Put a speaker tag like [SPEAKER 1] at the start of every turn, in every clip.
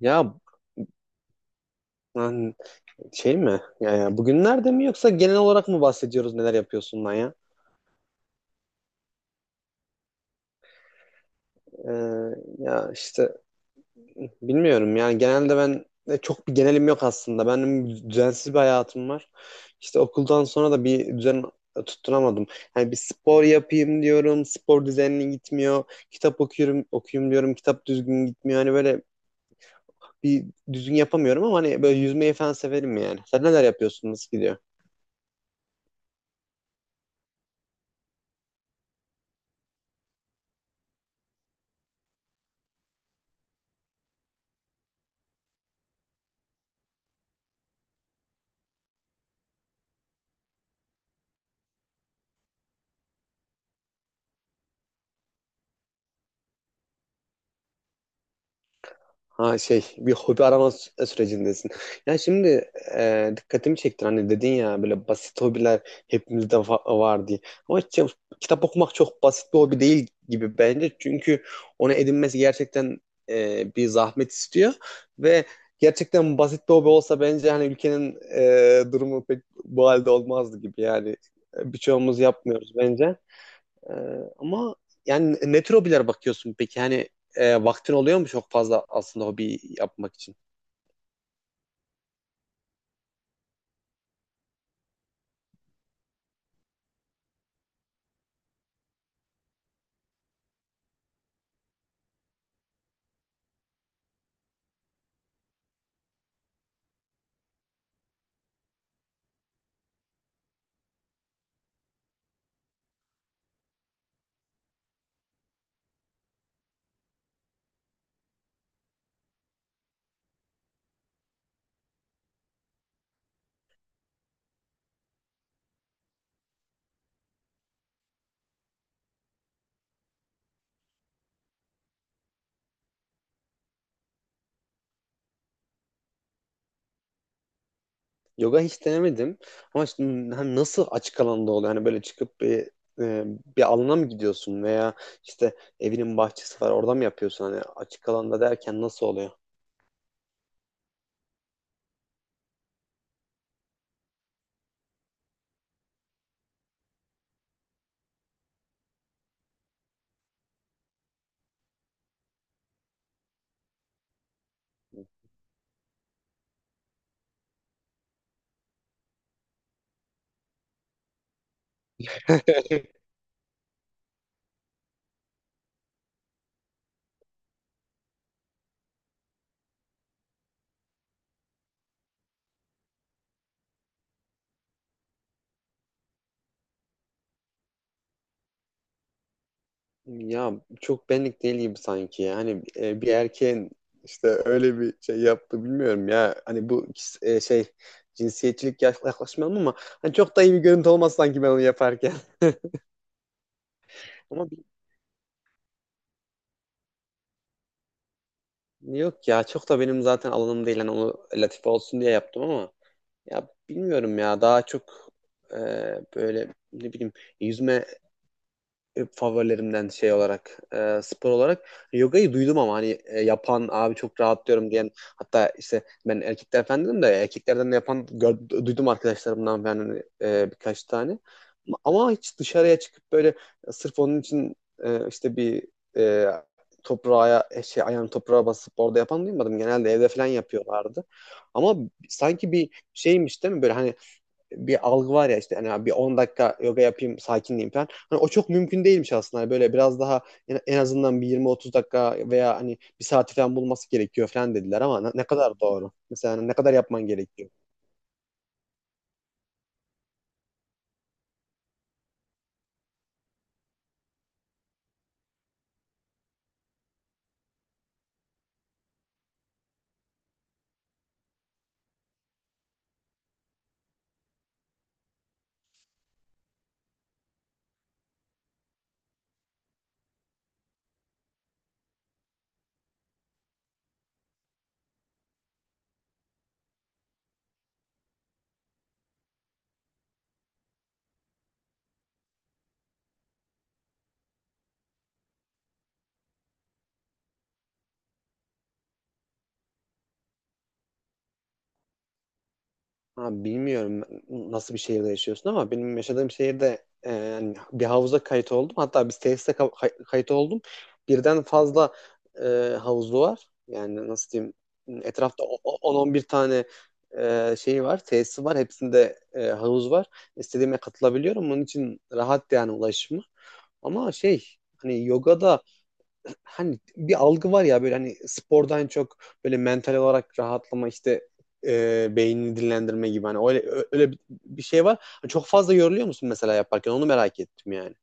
[SPEAKER 1] Ya ben şey mi? Ya yani bugünlerde mi yoksa genel olarak mı bahsediyoruz neler yapıyorsun lan ya? Ee, Ya işte bilmiyorum yani genelde ben çok bir genelim yok aslında. Benim düzensiz bir hayatım var. İşte okuldan sonra da bir düzen tutturamadım. Yani bir spor yapayım diyorum, spor düzenli gitmiyor. Kitap okuyorum, okuyayım diyorum, kitap düzgün gitmiyor. Hani böyle bir düzgün yapamıyorum ama hani böyle yüzmeyi falan severim yani. Sen neler yapıyorsun, nasıl gidiyor? Ha şey bir hobi arama sürecindesin. Ya şimdi dikkatimi çektin hani dedin ya böyle basit hobiler hepimizde var diye. Ama işte kitap okumak çok basit bir hobi değil gibi bence. Çünkü onu edinmesi gerçekten bir zahmet istiyor. Ve gerçekten basit bir hobi olsa bence hani ülkenin durumu pek bu halde olmazdı gibi yani. Birçoğumuz yapmıyoruz bence. Ee, Ama yani ne tür hobiler bakıyorsun peki? Hani vaktin oluyor mu çok fazla aslında hobi yapmak için? Yoga hiç denemedim. Ama şimdi hani nasıl açık alanda oluyor? Hani böyle çıkıp e, bir alana mı gidiyorsun veya işte evinin bahçesi var orada mı yapıyorsun? Hani açık alanda derken nasıl oluyor? Ya çok benlik değil gibi sanki. Yani bir erkeğin işte öyle bir şey yaptı bilmiyorum ya. Hani bu e, şey cinsiyetçilik yaklaşmayalım ama hani çok da iyi bir görüntü olmaz sanki ben onu yaparken. Ama yok ya çok da benim zaten alanım değil. Hani onu latife olsun diye yaptım ama ya bilmiyorum ya daha çok e, böyle ne bileyim yüzme favorilerimden spor olarak yogayı duydum ama hani yapan abi çok rahatlıyorum diyen hatta işte ben erkekler falan dedim de erkeklerden de yapan duydum arkadaşlarımdan falan hani, birkaç tane ama hiç dışarıya çıkıp böyle sırf onun için işte bir e, toprağa ayağını toprağa basıp orada yapan duymadım genelde evde falan yapıyorlardı ama sanki bir şeymiş değil mi böyle hani bir algı var ya işte hani bir 10 dakika yoga yapayım sakinleyeyim falan. Hani o çok mümkün değilmiş aslında. Hani böyle biraz daha en azından bir 20-30 dakika veya hani bir saati falan bulması gerekiyor falan dediler ama ne kadar doğru? Mesela hani ne kadar yapman gerekiyor? Abi bilmiyorum nasıl bir şehirde yaşıyorsun ama benim yaşadığım şehirde yani bir havuza kayıt oldum. Hatta bir tesise kayıt oldum. Birden fazla e, havuzu var. Yani nasıl diyeyim etrafta 10-11 tane şeyi var, tesisi var. Hepsinde havuz var. İstediğime katılabiliyorum. Onun için rahat yani ulaşımı. Ama hani yoga da hani bir algı var ya böyle hani spordan çok böyle mental olarak rahatlama işte beynini dinlendirme gibi hani öyle bir- şey var. Hani çok fazla yoruluyor musun mesela yaparken? Onu merak ettim yani.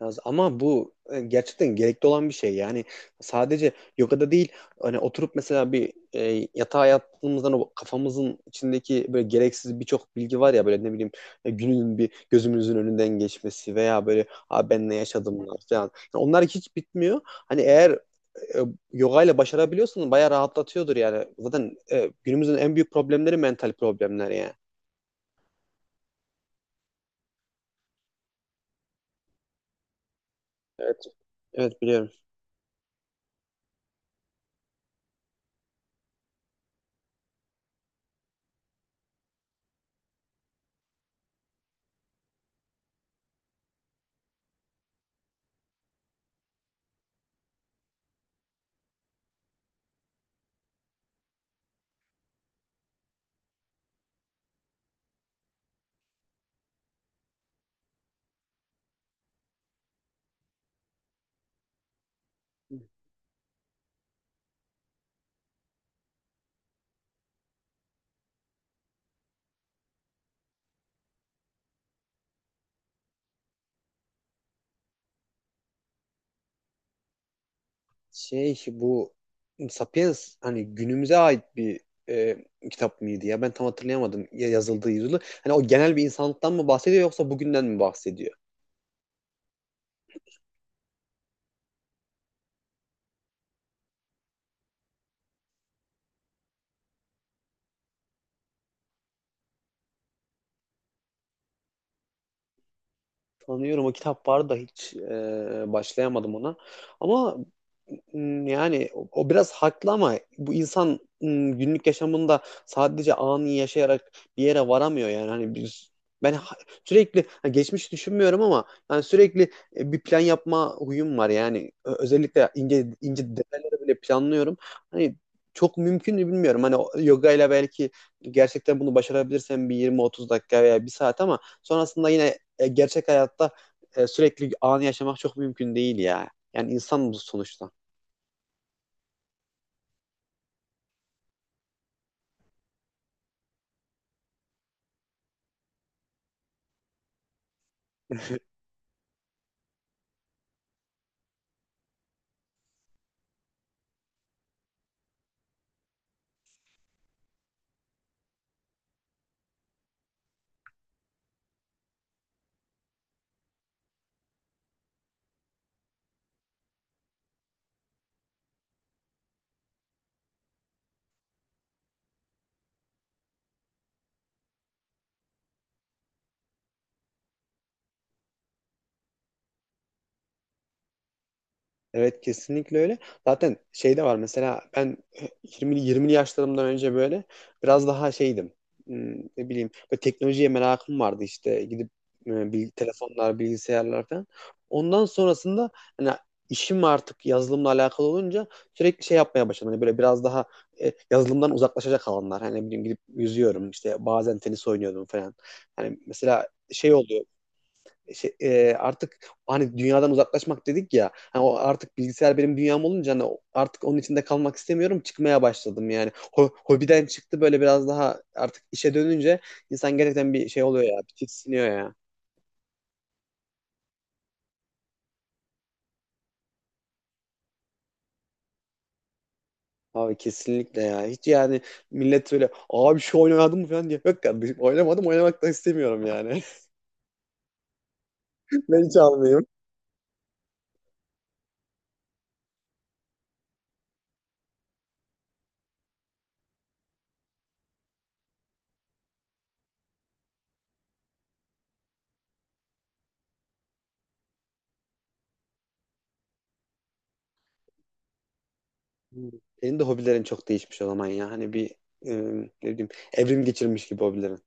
[SPEAKER 1] Yalnız ama bu gerçekten gerekli olan bir şey. Yani sadece yogada değil hani oturup mesela bir yatağa yattığımızdan o kafamızın içindeki böyle gereksiz birçok bilgi var ya böyle ne bileyim günün bir gözümüzün önünden geçmesi veya böyle "Aa, ben ne yaşadım lan?" falan. Yani onlar hiç bitmiyor. Hani eğer e, yoga ile başarabiliyorsan bayağı rahatlatıyordur yani. Zaten günümüzün en büyük problemleri mental problemler yani. Evet. Evet biliyorum. Bu Sapiens hani günümüze ait bir e, kitap mıydı ya? Ben tam hatırlayamadım yazıldığı yılı. Hani o genel bir insanlıktan mı bahsediyor yoksa bugünden mi bahsediyor? Sanıyorum o kitap vardı da hiç başlayamadım ona. Ama yani o biraz haklı ama bu insan günlük yaşamında sadece anı yaşayarak bir yere varamıyor yani. Hani ben sürekli geçmiş düşünmüyorum ama yani sürekli bir plan yapma huyum var yani. Özellikle ince ince detayları bile planlıyorum. Hani çok mümkün mü bilmiyorum. Hani yoga ile belki gerçekten bunu başarabilirsem bir 20-30 dakika veya bir saat ama sonrasında yine gerçek hayatta sürekli anı yaşamak çok mümkün değil ya. Yani insan bu sonuçta. Evet kesinlikle öyle. Zaten şey de var mesela ben 20 20'li yaşlarımdan önce böyle biraz daha şeydim. Ne bileyim böyle teknolojiye merakım vardı işte gidip telefonlar, bilgisayarlar falan. Ondan sonrasında hani işim artık yazılımla alakalı olunca sürekli şey yapmaya başladım. Hani böyle biraz daha yazılımdan uzaklaşacak alanlar. Hani ne bileyim gidip yüzüyorum işte bazen tenis oynuyordum falan. Hani mesela şey oluyor artık hani dünyadan uzaklaşmak dedik ya. Hani o artık bilgisayar benim dünyam olunca hani artık onun içinde kalmak istemiyorum. Çıkmaya başladım yani. Hobiden çıktı böyle biraz daha artık işe dönünce insan gerçekten bir şey oluyor ya. Bir tiksiniyor ya. Abi kesinlikle ya. Hiç yani millet böyle abi şu oynamadın mı falan diye. Yok kardeşim oynamadım oynamak da istemiyorum yani. Ben hiç almayayım. Hmm. Senin de hobilerin çok değişmiş o zaman ya. Hani bir e, ne bileyim evrim geçirmiş gibi hobilerin.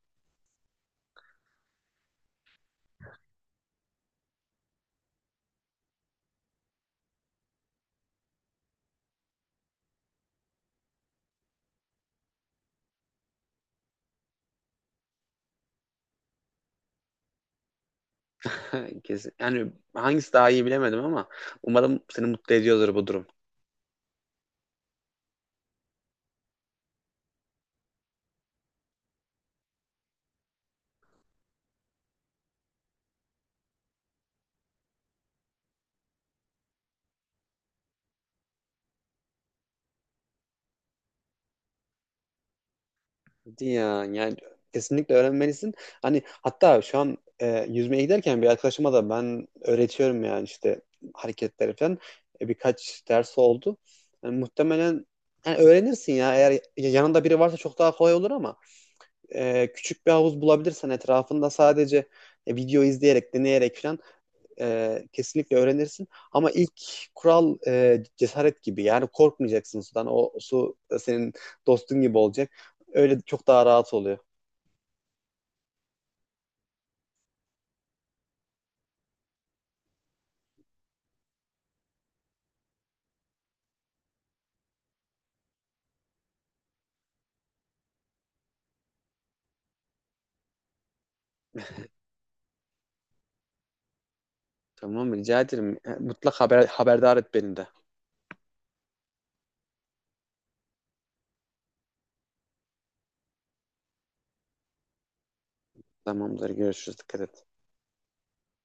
[SPEAKER 1] Kesin. Yani hangisi daha iyi bilemedim ama umarım seni mutlu ediyordur bu durum. Hadi ya yani kesinlikle öğrenmelisin. Hani hatta şu an yüzmeye giderken bir arkadaşıma da ben öğretiyorum yani işte hareketleri falan. Birkaç ders oldu. Yani muhtemelen yani öğrenirsin ya eğer yanında biri varsa çok daha kolay olur ama küçük bir havuz bulabilirsen etrafında sadece video izleyerek deneyerek falan kesinlikle öğrenirsin. Ama ilk kural cesaret gibi. Yani korkmayacaksın sudan. O su senin dostun gibi olacak. Öyle çok daha rahat oluyor. Tamam rica ederim. Mutlak haberdar et beni de. Tamamdır görüşürüz. Dikkat et.